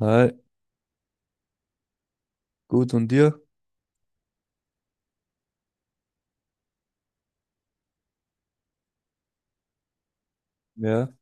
Hi, gut, und dir? Ja.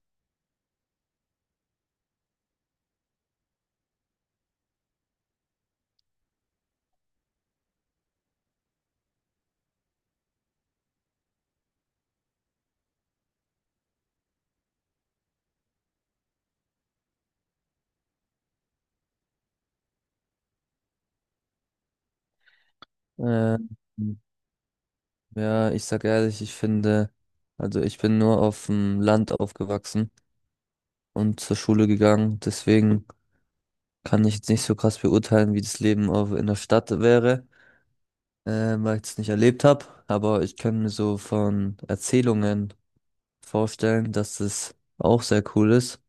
Ähm, ja, ich sag ehrlich, ich finde, also ich bin nur auf dem Land aufgewachsen und zur Schule gegangen, deswegen kann ich jetzt nicht so krass beurteilen, wie das Leben auf, in der Stadt wäre, weil ich es nicht erlebt habe, aber ich kann mir so von Erzählungen vorstellen, dass es auch sehr cool ist.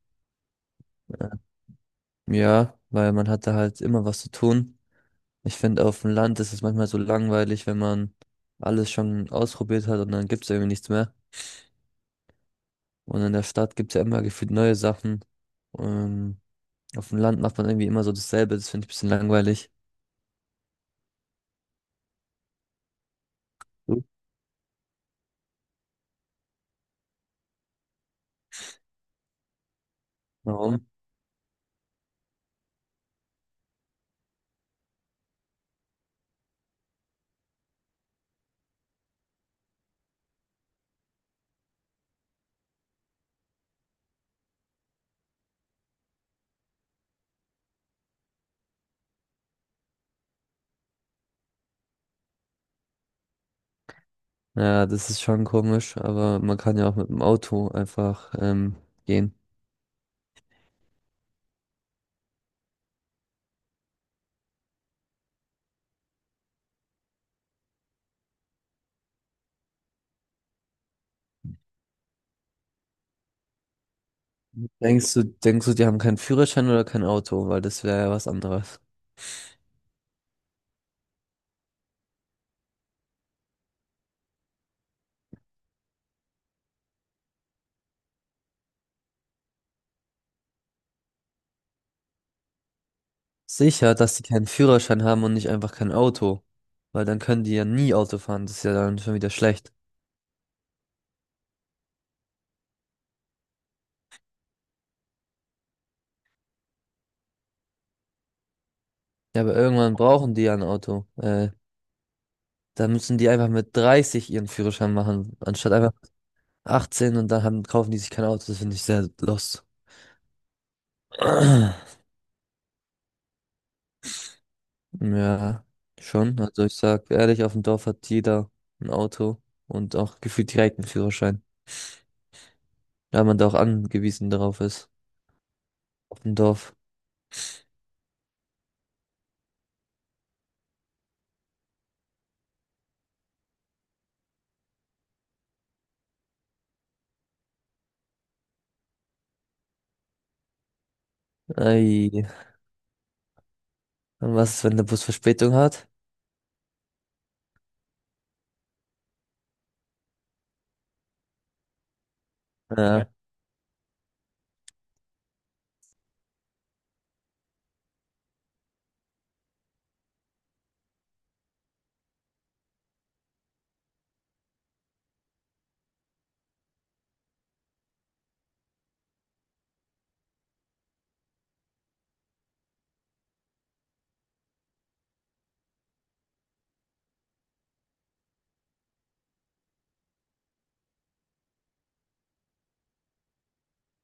Ähm, Ja, weil man hatte halt immer was zu tun. Ich finde, auf dem Land ist es manchmal so langweilig, wenn man alles schon ausprobiert hat und dann gibt es irgendwie nichts mehr. Und in der Stadt gibt es ja immer gefühlt neue Sachen. Ähm, auf dem Land macht man irgendwie immer so dasselbe. Das finde ich ein bisschen langweilig. Hm? Warum? Ja, das ist schon komisch, aber man kann ja auch mit dem Auto einfach gehen. Denkst du, die haben keinen Führerschein oder kein Auto? Weil das wäre ja was anderes. Sicher, dass die keinen Führerschein haben und nicht einfach kein Auto. Weil dann können die ja nie Auto fahren. Das ist ja dann schon wieder schlecht. Ja, aber irgendwann brauchen die ja ein Auto. Da müssen die einfach mit 30 ihren Führerschein machen, anstatt einfach 18 und dann haben, kaufen die sich kein Auto. Das finde ich sehr lost. Ja, schon. Also ich sag ehrlich, auf dem Dorf hat jeder ein Auto und auch gefühlt direkt einen Führerschein, da man da auch angewiesen darauf ist. Auf dem Dorf. Ei. Und was ist, wenn der Bus Verspätung hat? Ja.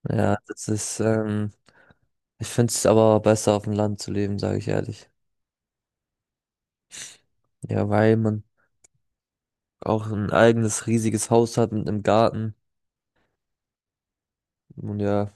Ja, ja, das ist, ich finde es aber besser auf dem Land zu leben, sage ich ehrlich. Ja, weil man auch ein eigenes riesiges Haus hat mit einem Garten. Und ja,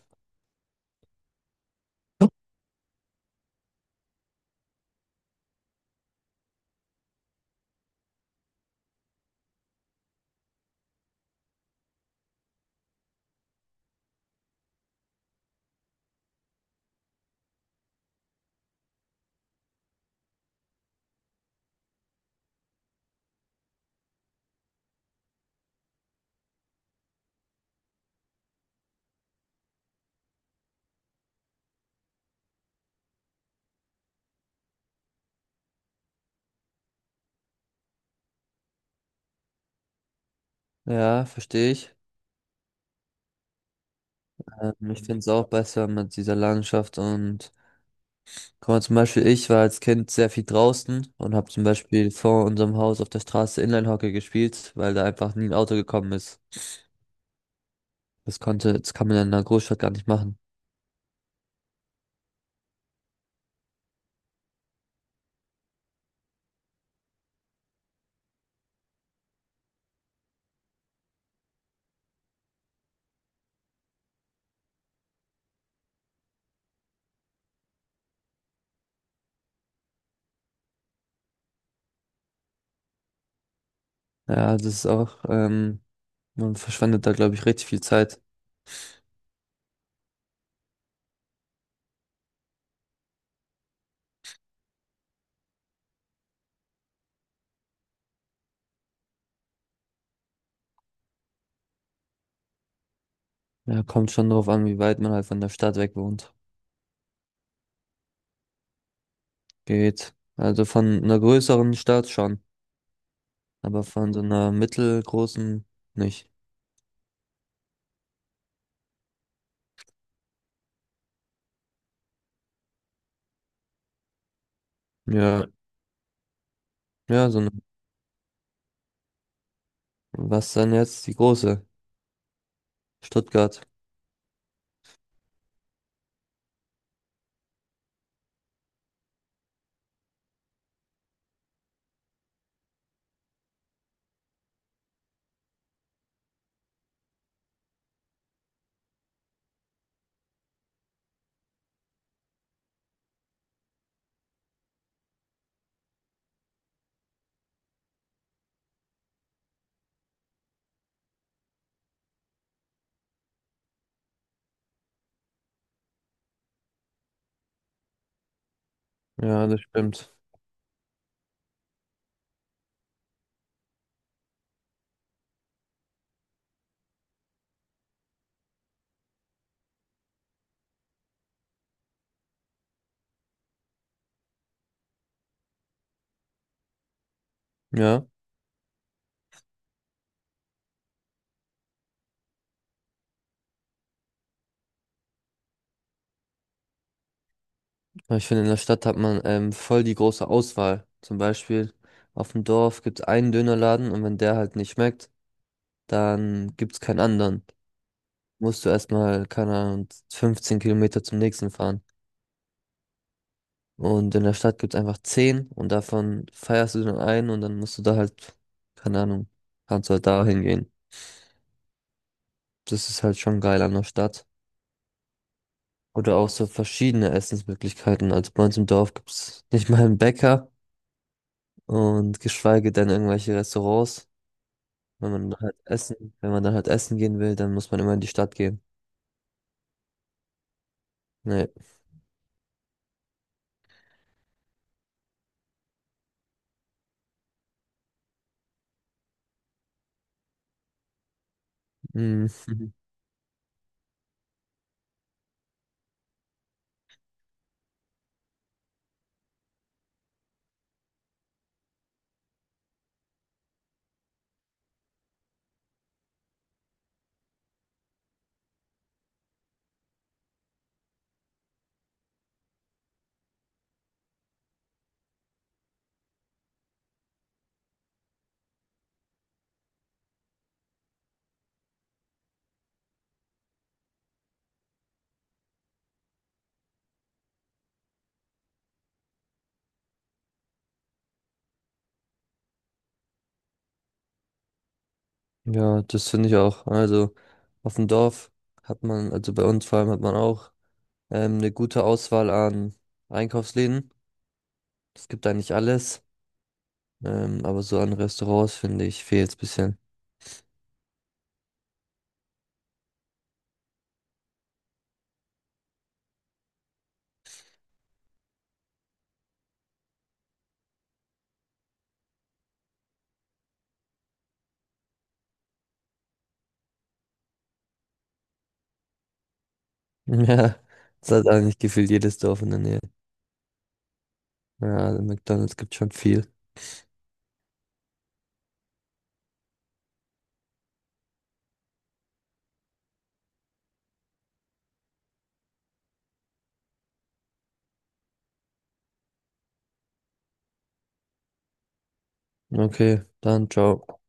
ja, verstehe ich. Ich finde es auch besser mit dieser Landschaft und guck mal, zum Beispiel ich war als Kind sehr viel draußen und habe zum Beispiel vor unserem Haus auf der Straße Inline-Hockey gespielt, weil da einfach nie ein Auto gekommen ist. Das kann man ja in einer Großstadt gar nicht machen. Ja, das ist auch, man verschwendet da, glaube ich, richtig viel Zeit. Ja, kommt schon drauf an, wie weit man halt von der Stadt weg wohnt. Geht. Also von einer größeren Stadt schon, aber von so einer mittelgroßen nicht. Ja. Ja, ja, so eine, was dann jetzt die große? Stuttgart. Ja, das stimmt. Ja, aber ich finde, in der Stadt hat man voll die große Auswahl. Zum Beispiel auf dem Dorf gibt es einen Dönerladen, und wenn der halt nicht schmeckt, dann gibt es keinen anderen. Musst du erstmal, keine Ahnung, 15 Kilometer zum nächsten fahren. Und in der Stadt gibt es einfach 10 und davon feierst du dann einen und dann musst du da halt, keine Ahnung, kannst du halt da hingehen. Das ist halt schon geil an der Stadt. Oder auch so verschiedene Essensmöglichkeiten. Also bei uns im Dorf gibt's nicht mal einen Bäcker und geschweige denn irgendwelche Restaurants. Wenn man dann halt essen gehen will, dann muss man immer in die Stadt gehen. Nee. Mm. Ja, das finde ich auch. Also auf dem Dorf hat man, also bei uns vor allem hat man auch eine gute Auswahl an Einkaufsläden. Es gibt da nicht alles, aber so an Restaurants finde ich fehlt es bisschen. Ja, das hat eigentlich gefühlt jedes Dorf in der Nähe. Ja, McDonald's gibt schon viel. Okay, dann ciao.